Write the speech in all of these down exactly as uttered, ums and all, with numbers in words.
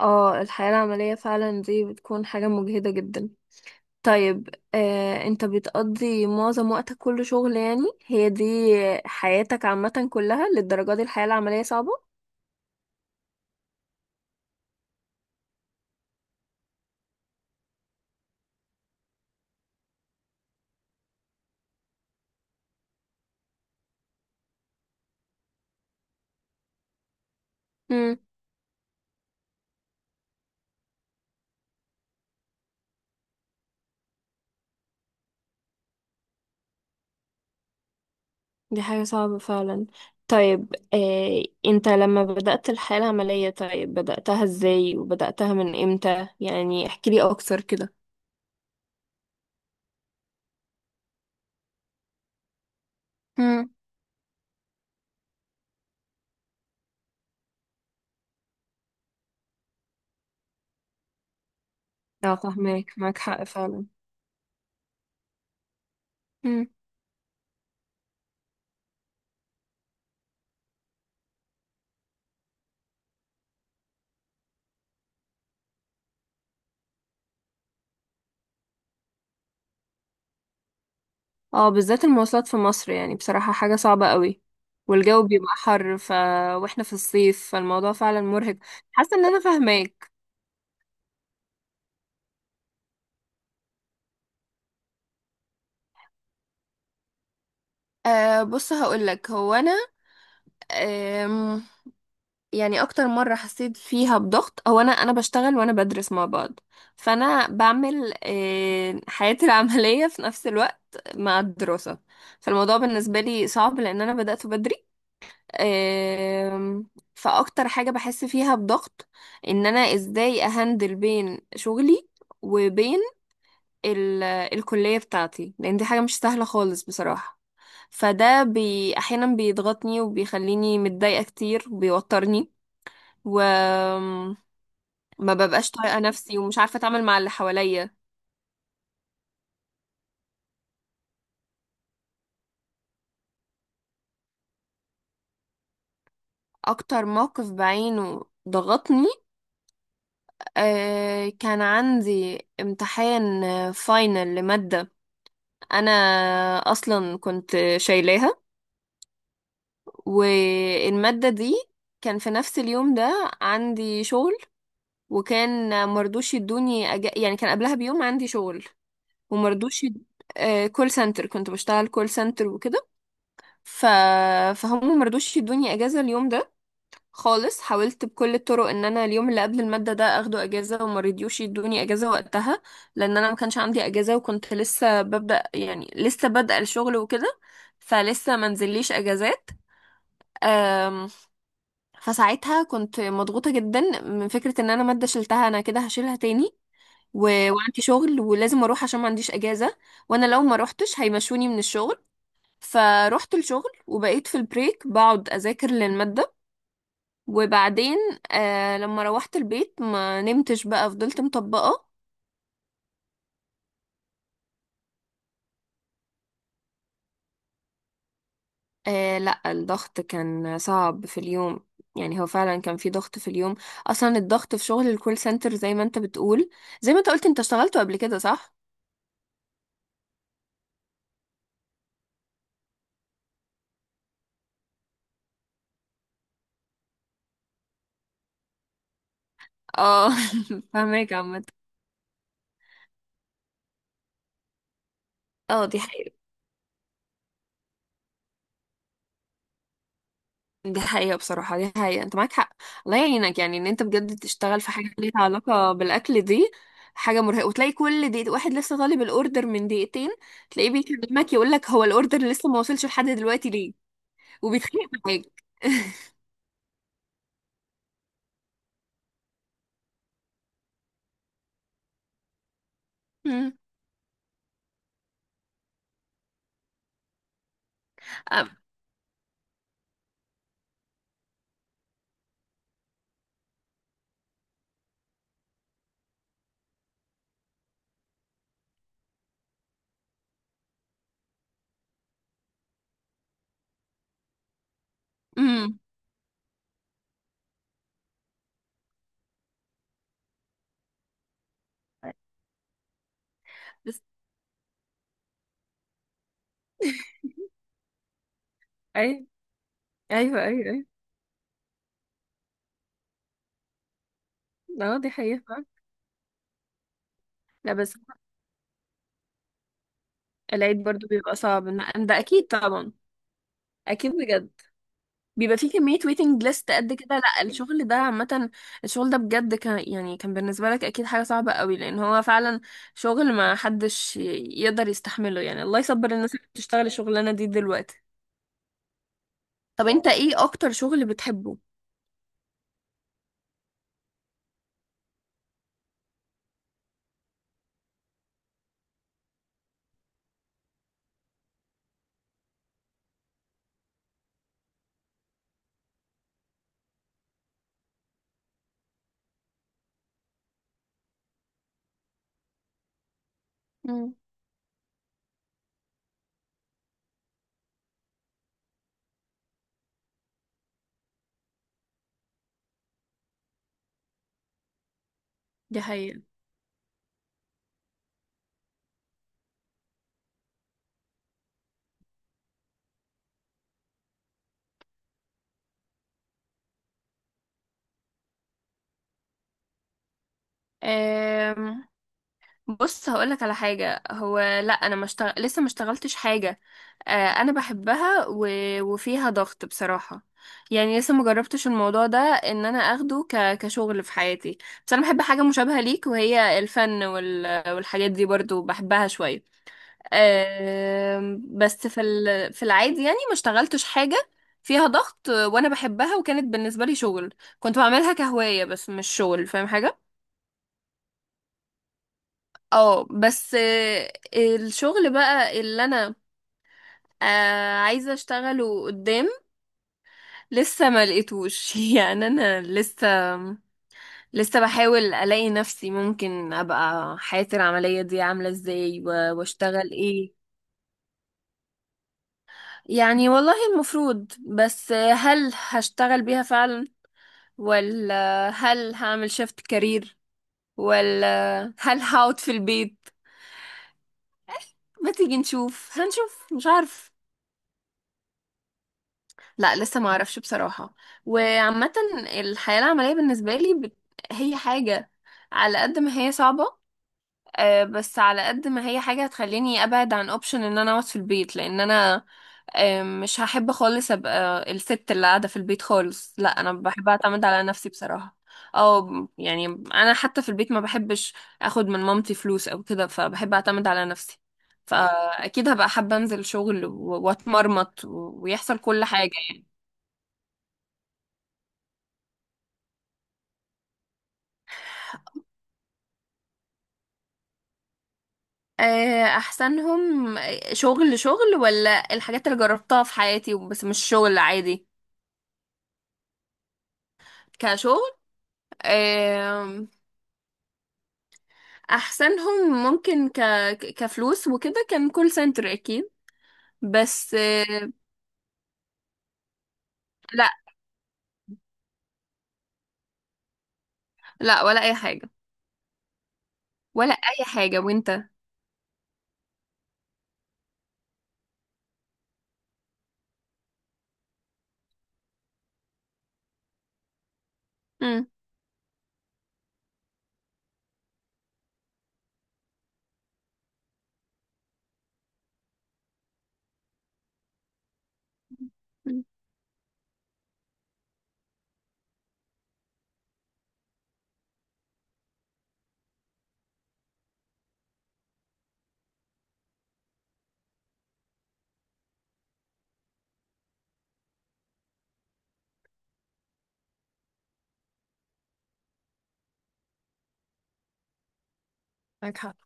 اه، الحياة العملية فعلا دي بتكون حاجة مجهدة جدا. طيب. آه، انت بتقضي معظم وقتك كله شغل، يعني هي دي حياتك عامة كلها للدرجة دي الحياة العملية صعبة؟ امم. دي حاجة صعبة فعلا. طيب، آه، انت لما بدأت الحياة العملية، طيب بدأتها ازاي وبدأتها من امتى؟ يعني احكيلي اكتر كده. امم. اه، فاهمك، معاك حق فعلا. اه، بالذات المواصلات في مصر يعني بصراحة حاجة صعبة قوي. والجو بيبقى حر ف... واحنا في الصيف، فالموضوع فعلا مرهق. حاسة ان انا فاهماك. أه بص، هقولك هو انا. أم يعني اكتر مرة حسيت فيها بضغط هو انا انا بشتغل وانا بدرس مع بعض. فانا بعمل أه حياتي العملية في نفس الوقت مع الدراسة. فالموضوع بالنسبة لي صعب لان انا بدأت بدري. آم، فاكتر حاجة بحس فيها بضغط ان انا ازاي اهندل بين شغلي وبين ال- الكلية بتاعتي، لان دي حاجة مش سهلة خالص بصراحة. فده بي احيانا بيضغطني وبيخليني متضايقة كتير وبيوترني، وما ببقاش طايقة نفسي ومش عارفة اتعامل مع اللي حواليا. اكتر موقف بعينه ضغطني، آه، كان عندي امتحان فاينل لمادة، انا اصلا كنت شايلاها. والمادة دي كان في نفس اليوم ده عندي شغل، وكان مرضوش يدوني أج... يعني كان قبلها بيوم عندي شغل ومرضوش يد... آه، كول سنتر، كنت بشتغل كول سنتر وكده. ف... فهم مرضوش يدوني اجازة اليوم ده خالص، حاولت بكل الطرق ان انا اليوم اللي قبل المادة ده اخده اجازة وما رضيوش يدوني اجازة وقتها، لان انا ما كانش عندي اجازة وكنت لسه ببدأ، يعني لسه بادئة الشغل وكده، فلسه ما نزليش اجازات. أم، فساعتها كنت مضغوطة جدا من فكرة ان انا مادة شلتها انا كده هشيلها تاني، و... وعندي شغل ولازم اروح عشان ما عنديش اجازة، وانا لو ما روحتش هيمشوني من الشغل. فروحت الشغل وبقيت في البريك بقعد اذاكر للمادة، وبعدين آه لما روحت البيت ما نمتش، بقى فضلت مطبقة. آه لا، الضغط كان صعب في اليوم، يعني هو فعلا كان في ضغط في اليوم. اصلا الضغط في شغل الكول سنتر زي ما انت بتقول، زي ما انت قلت، انت اشتغلته قبل كده، صح؟ اه. فاهمك عامة. اه، دي حقيقة. دي حقيقة بصراحة، دي حقيقة، انت معاك حق. الله يعينك يعني ان انت بجد تشتغل في حاجة ليها علاقة بالأكل دي. حاجة مرهقة، وتلاقي كل دقيقة واحد لسه طالب الأوردر من دقيقتين، تلاقيه بيكلمك يقول لك هو الأوردر لسه ما وصلش لحد دلوقتي ليه، وبيتخانق معاك. أمم. أمم. بس، اي. ايوه، ايوه، ايوه. اه، دي حقيقة. لا بس، العيد برضو بيبقى صعب، إن- ده اكيد طبعا. اكيد بجد، بيبقى في كمية waiting list قد كده. لا، الشغل ده عامة، الشغل ده بجد كان، يعني كان بالنسبة لك أكيد حاجة صعبة قوي لأن هو فعلا شغل ما حدش يقدر يستحمله، يعني الله يصبر الناس اللي بتشتغل الشغلانة دي دلوقتي. طب أنت إيه أكتر شغل بتحبه؟ مم. دي حقيقة. أم... بص، هقولك على حاجة، هو لا انا ما مشتغل... لسه ما اشتغلتش حاجة آه انا بحبها و... وفيها ضغط بصراحة، يعني لسه ما جربتش الموضوع ده ان انا اخده ك... كشغل في حياتي. بس انا بحب حاجة مشابهة ليك، وهي الفن وال... والحاجات دي برضو بحبها شوية. آه بس في ال... في العادي يعني ما اشتغلتش حاجة فيها ضغط وانا بحبها وكانت بالنسبة لي شغل. كنت بعملها كهواية بس مش شغل، فاهم حاجة؟ اه بس، آه، الشغل بقى اللي انا آه، عايزة اشتغله قدام لسه ما لقيتوش. يعني انا لسه لسه بحاول الاقي نفسي، ممكن ابقى حياتي العملية دي عاملة ازاي و- واشتغل ايه. يعني والله المفروض، بس آه، هل هشتغل بيها فعلا، ولا هل هعمل شيفت كارير، ولا هل هقعد في البيت؟ ما تيجي نشوف، هنشوف، مش عارف. لا، لسه ما اعرفش بصراحة. وعامة الحياة العملية بالنسبة لي بت... هي حاجة، على قد ما هي صعبة، آه، بس على قد ما هي حاجة هتخليني ابعد عن اوبشن ان انا اقعد في البيت. لان انا آه، مش هحب خالص ابقى الست اللي قاعدة في البيت خالص، لا انا بحب اعتمد على نفسي بصراحة. او يعني انا حتى في البيت ما بحبش اخد من مامتي فلوس او كده، فبحب اعتمد على نفسي. فاكيد هبقى حابة انزل شغل و- واتمرمط و- ويحصل كل حاجة. آه، احسنهم شغل، شغل ولا الحاجات اللي جربتها في حياتي بس مش شغل عادي؟ كشغل. آم، احسنهم ممكن ك... ك- كفلوس وكده كان كول سنتر اكيد. بس آه، لا، لا، ولا اي حاجة، ولا اي حاجة. وانت؟ مم. مم. معاك حق.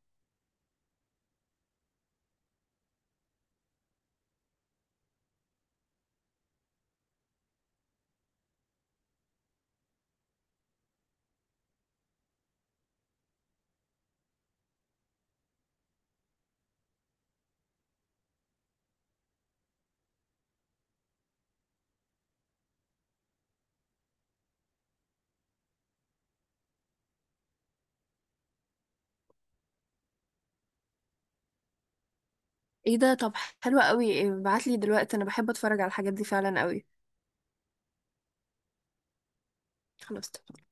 ايه ده؟ طب، حلوة قوي، ابعتلي دلوقتي، انا بحب اتفرج على الحاجات دي فعلا قوي. خلاص.